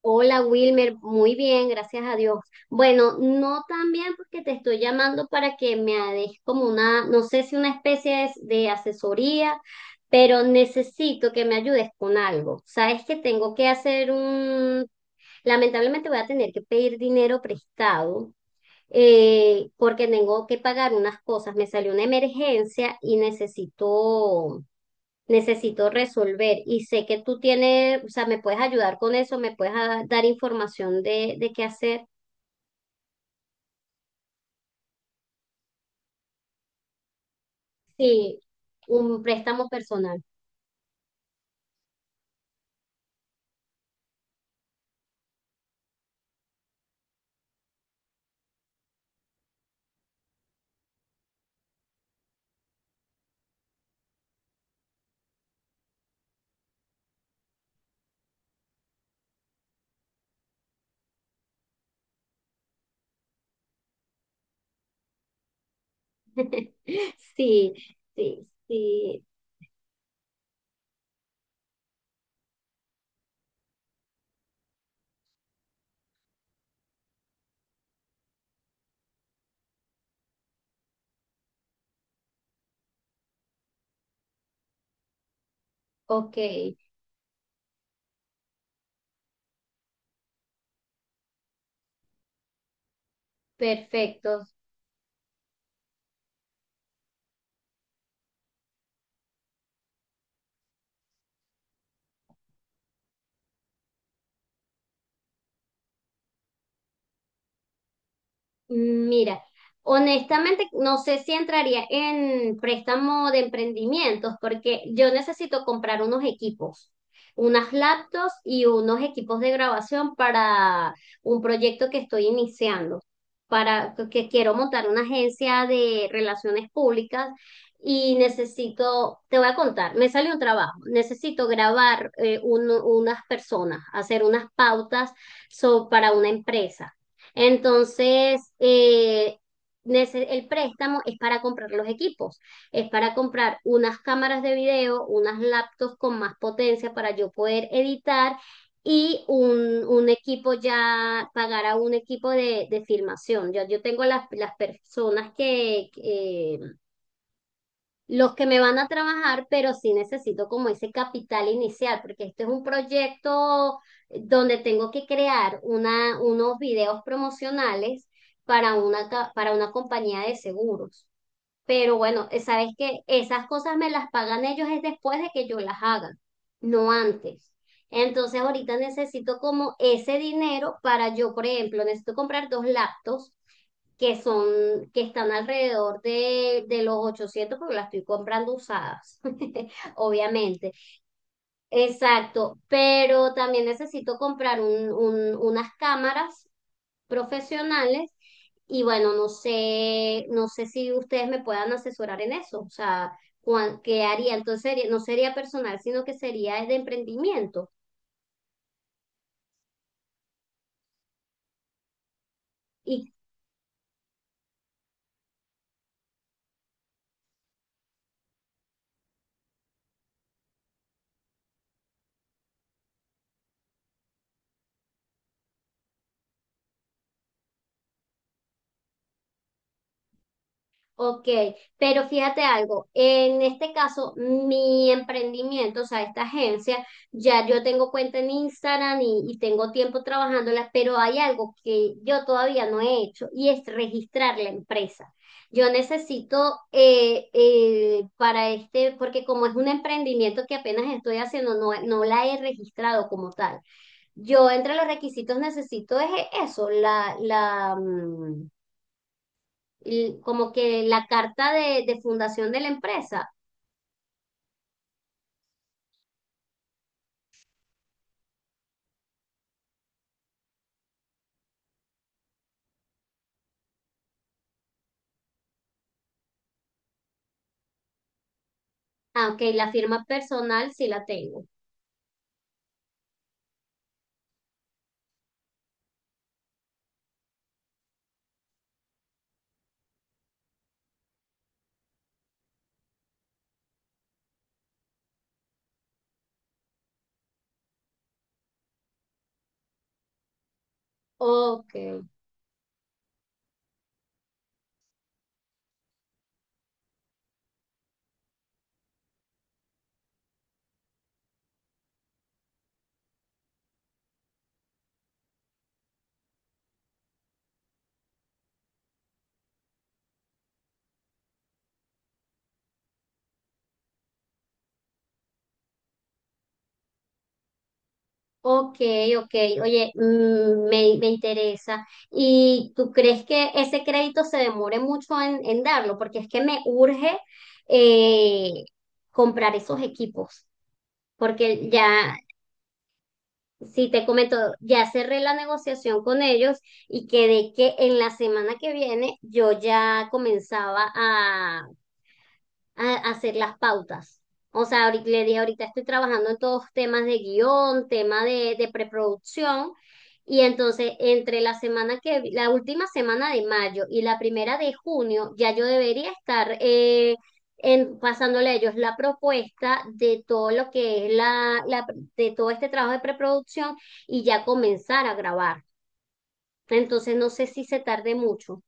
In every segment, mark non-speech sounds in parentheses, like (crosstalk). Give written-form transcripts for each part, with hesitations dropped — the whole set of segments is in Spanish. Hola Wilmer, muy bien, gracias a Dios. Bueno, no tan bien porque te estoy llamando para que me des como una, no sé si una especie de asesoría, pero necesito que me ayudes con algo. Sabes que tengo que hacer un, lamentablemente voy a tener que pedir dinero prestado porque tengo que pagar unas cosas. Me salió una emergencia y necesito resolver, y sé que tú tienes, o sea, me puedes ayudar con eso, me puedes a- dar información de qué hacer. Sí, un préstamo personal. (laughs) Sí, sí, sí. Ok, perfecto. Mira, honestamente no sé si entraría en préstamo de emprendimientos porque yo necesito comprar unos equipos, unas laptops y unos equipos de grabación para un proyecto que estoy iniciando, para que quiero montar una agencia de relaciones públicas y necesito, te voy a contar, me salió un trabajo, necesito grabar unas personas, hacer unas pautas para una empresa. Entonces, el préstamo es para comprar los equipos, es para comprar unas cámaras de video, unas laptops con más potencia para yo poder editar y un equipo ya, pagar a un equipo de filmación. Ya yo tengo las personas que, los que me van a trabajar, pero sí necesito como ese capital inicial, porque este es un proyecto donde tengo que crear una, unos videos promocionales para una, para una compañía de seguros. Pero bueno, sabes que esas cosas me las pagan ellos es después de que yo las haga, no antes. Entonces ahorita necesito como ese dinero para yo, por ejemplo, necesito comprar dos laptops que son, que están alrededor de los 800 porque las estoy comprando usadas, (laughs) obviamente. Exacto, pero también necesito comprar unas cámaras profesionales y bueno, no sé, no sé si ustedes me puedan asesorar en eso, o sea, qué haría, entonces no sería personal, sino que sería de emprendimiento. ¿Y Ok, pero fíjate algo, en este caso, mi emprendimiento, o sea, esta agencia, ya yo tengo cuenta en Instagram y tengo tiempo trabajándola, pero hay algo que yo todavía no he hecho y es registrar la empresa. Yo necesito para este, porque como es un emprendimiento que apenas estoy haciendo, no, no la he registrado como tal. Yo entre los requisitos necesito es eso, como que la carta de fundación de la empresa. Ah, ok, la firma personal sí la tengo. Ok, ok, ok. Oye, me interesa. ¿Y tú crees que ese crédito se demore mucho en darlo? Porque es que me urge eh, comprar esos equipos, porque ya... Si te comento, ya cerré la negociación con ellos y quedé que en la semana que viene yo ya comenzaba a hacer las pautas. O sea, ahorita, le dije, ahorita estoy trabajando en todos temas de guión, tema de preproducción, y entonces entre la semana que, la última semana de mayo y la primera de junio, ya yo debería estar en, pasándole a ellos la propuesta de todo lo que es de todo este trabajo de preproducción y ya comenzar a grabar. Entonces no sé si se tarde mucho.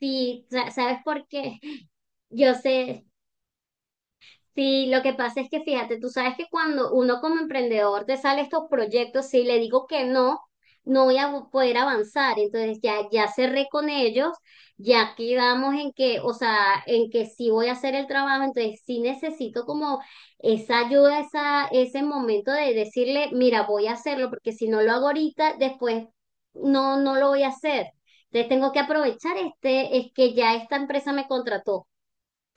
Sí, sa- ¿sabes por qué? Yo sé. Sí, lo que pasa es que fíjate, tú sabes que cuando uno como emprendedor te sale estos proyectos, si le digo que no, no voy a poder avanzar. Entonces ya cerré con ellos, ya quedamos en que, o sea, en que sí voy a hacer el trabajo, entonces sí necesito como esa ayuda, esa, ese momento de decirle, mira, voy a hacerlo, porque si no lo hago ahorita, después no, no lo voy a hacer. Entonces tengo que aprovechar este, es que ya esta empresa me contrató.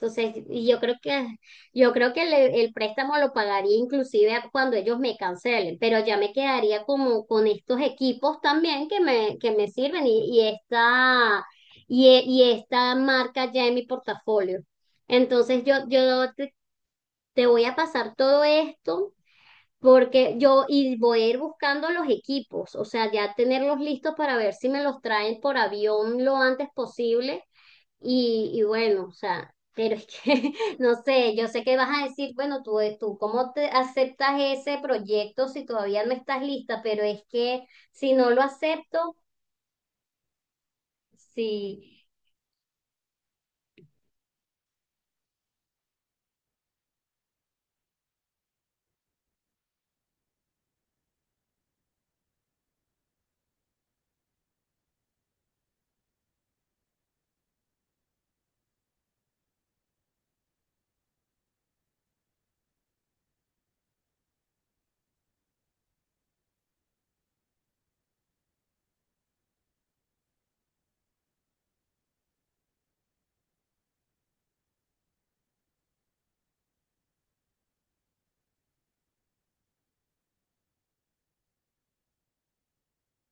Entonces, yo creo que el préstamo lo pagaría inclusive cuando ellos me cancelen, pero ya me quedaría como con estos equipos también que me sirven y esta, y esta marca ya en mi portafolio. Entonces, te voy a pasar todo esto porque y voy a ir buscando los equipos, o sea, ya tenerlos listos para ver si me los traen por avión lo antes posible y bueno, o sea, pero es que, (laughs) no sé, yo sé que vas a decir, bueno, ¿cómo te aceptas ese proyecto si todavía no estás lista? Pero es que si no lo acepto, sí,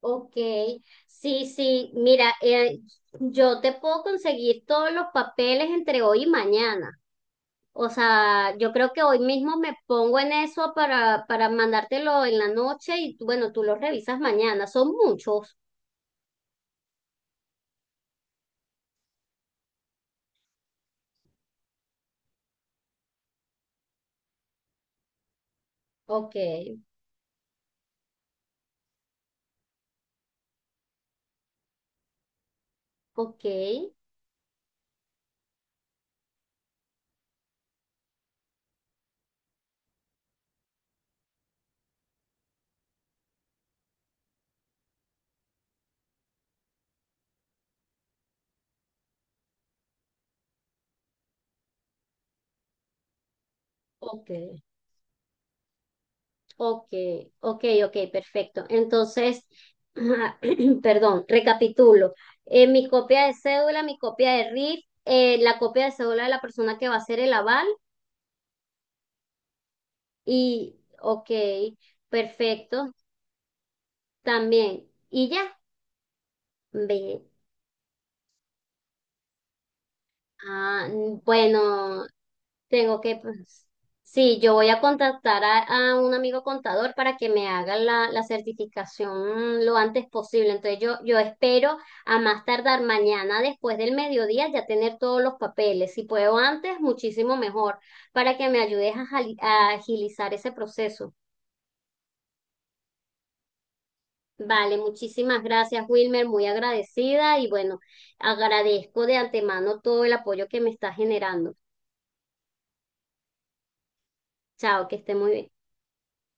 ok, sí, mira, yo te puedo conseguir todos los papeles entre hoy y mañana. O sea, yo creo que hoy mismo me pongo en eso para mandártelo en la noche y tú, bueno, tú los revisas mañana. Son muchos. Ok, ok. Ok, ok, ok, ok, perfecto. Entonces, (clears throat) perdón, recapitulo. Mi copia de cédula, mi copia de RIF, la copia de cédula de la persona que va a hacer el aval y, ok, perfecto, también. Y ya, ve, Ah, mm, bueno, tengo que, pues, sí, yo voy a contactar a un amigo contador para que me haga la certificación lo antes posible. Entonces yo espero a más tardar mañana después del mediodía ya tener todos los papeles. Si puedo antes, muchísimo mejor, para que me ayudes a, a agilizar ese proceso. Vale, muchísimas gracias, Wilmer, muy agradecida y bueno, agradezco de antemano todo el apoyo que me está generando. Chao, que esté muy bien.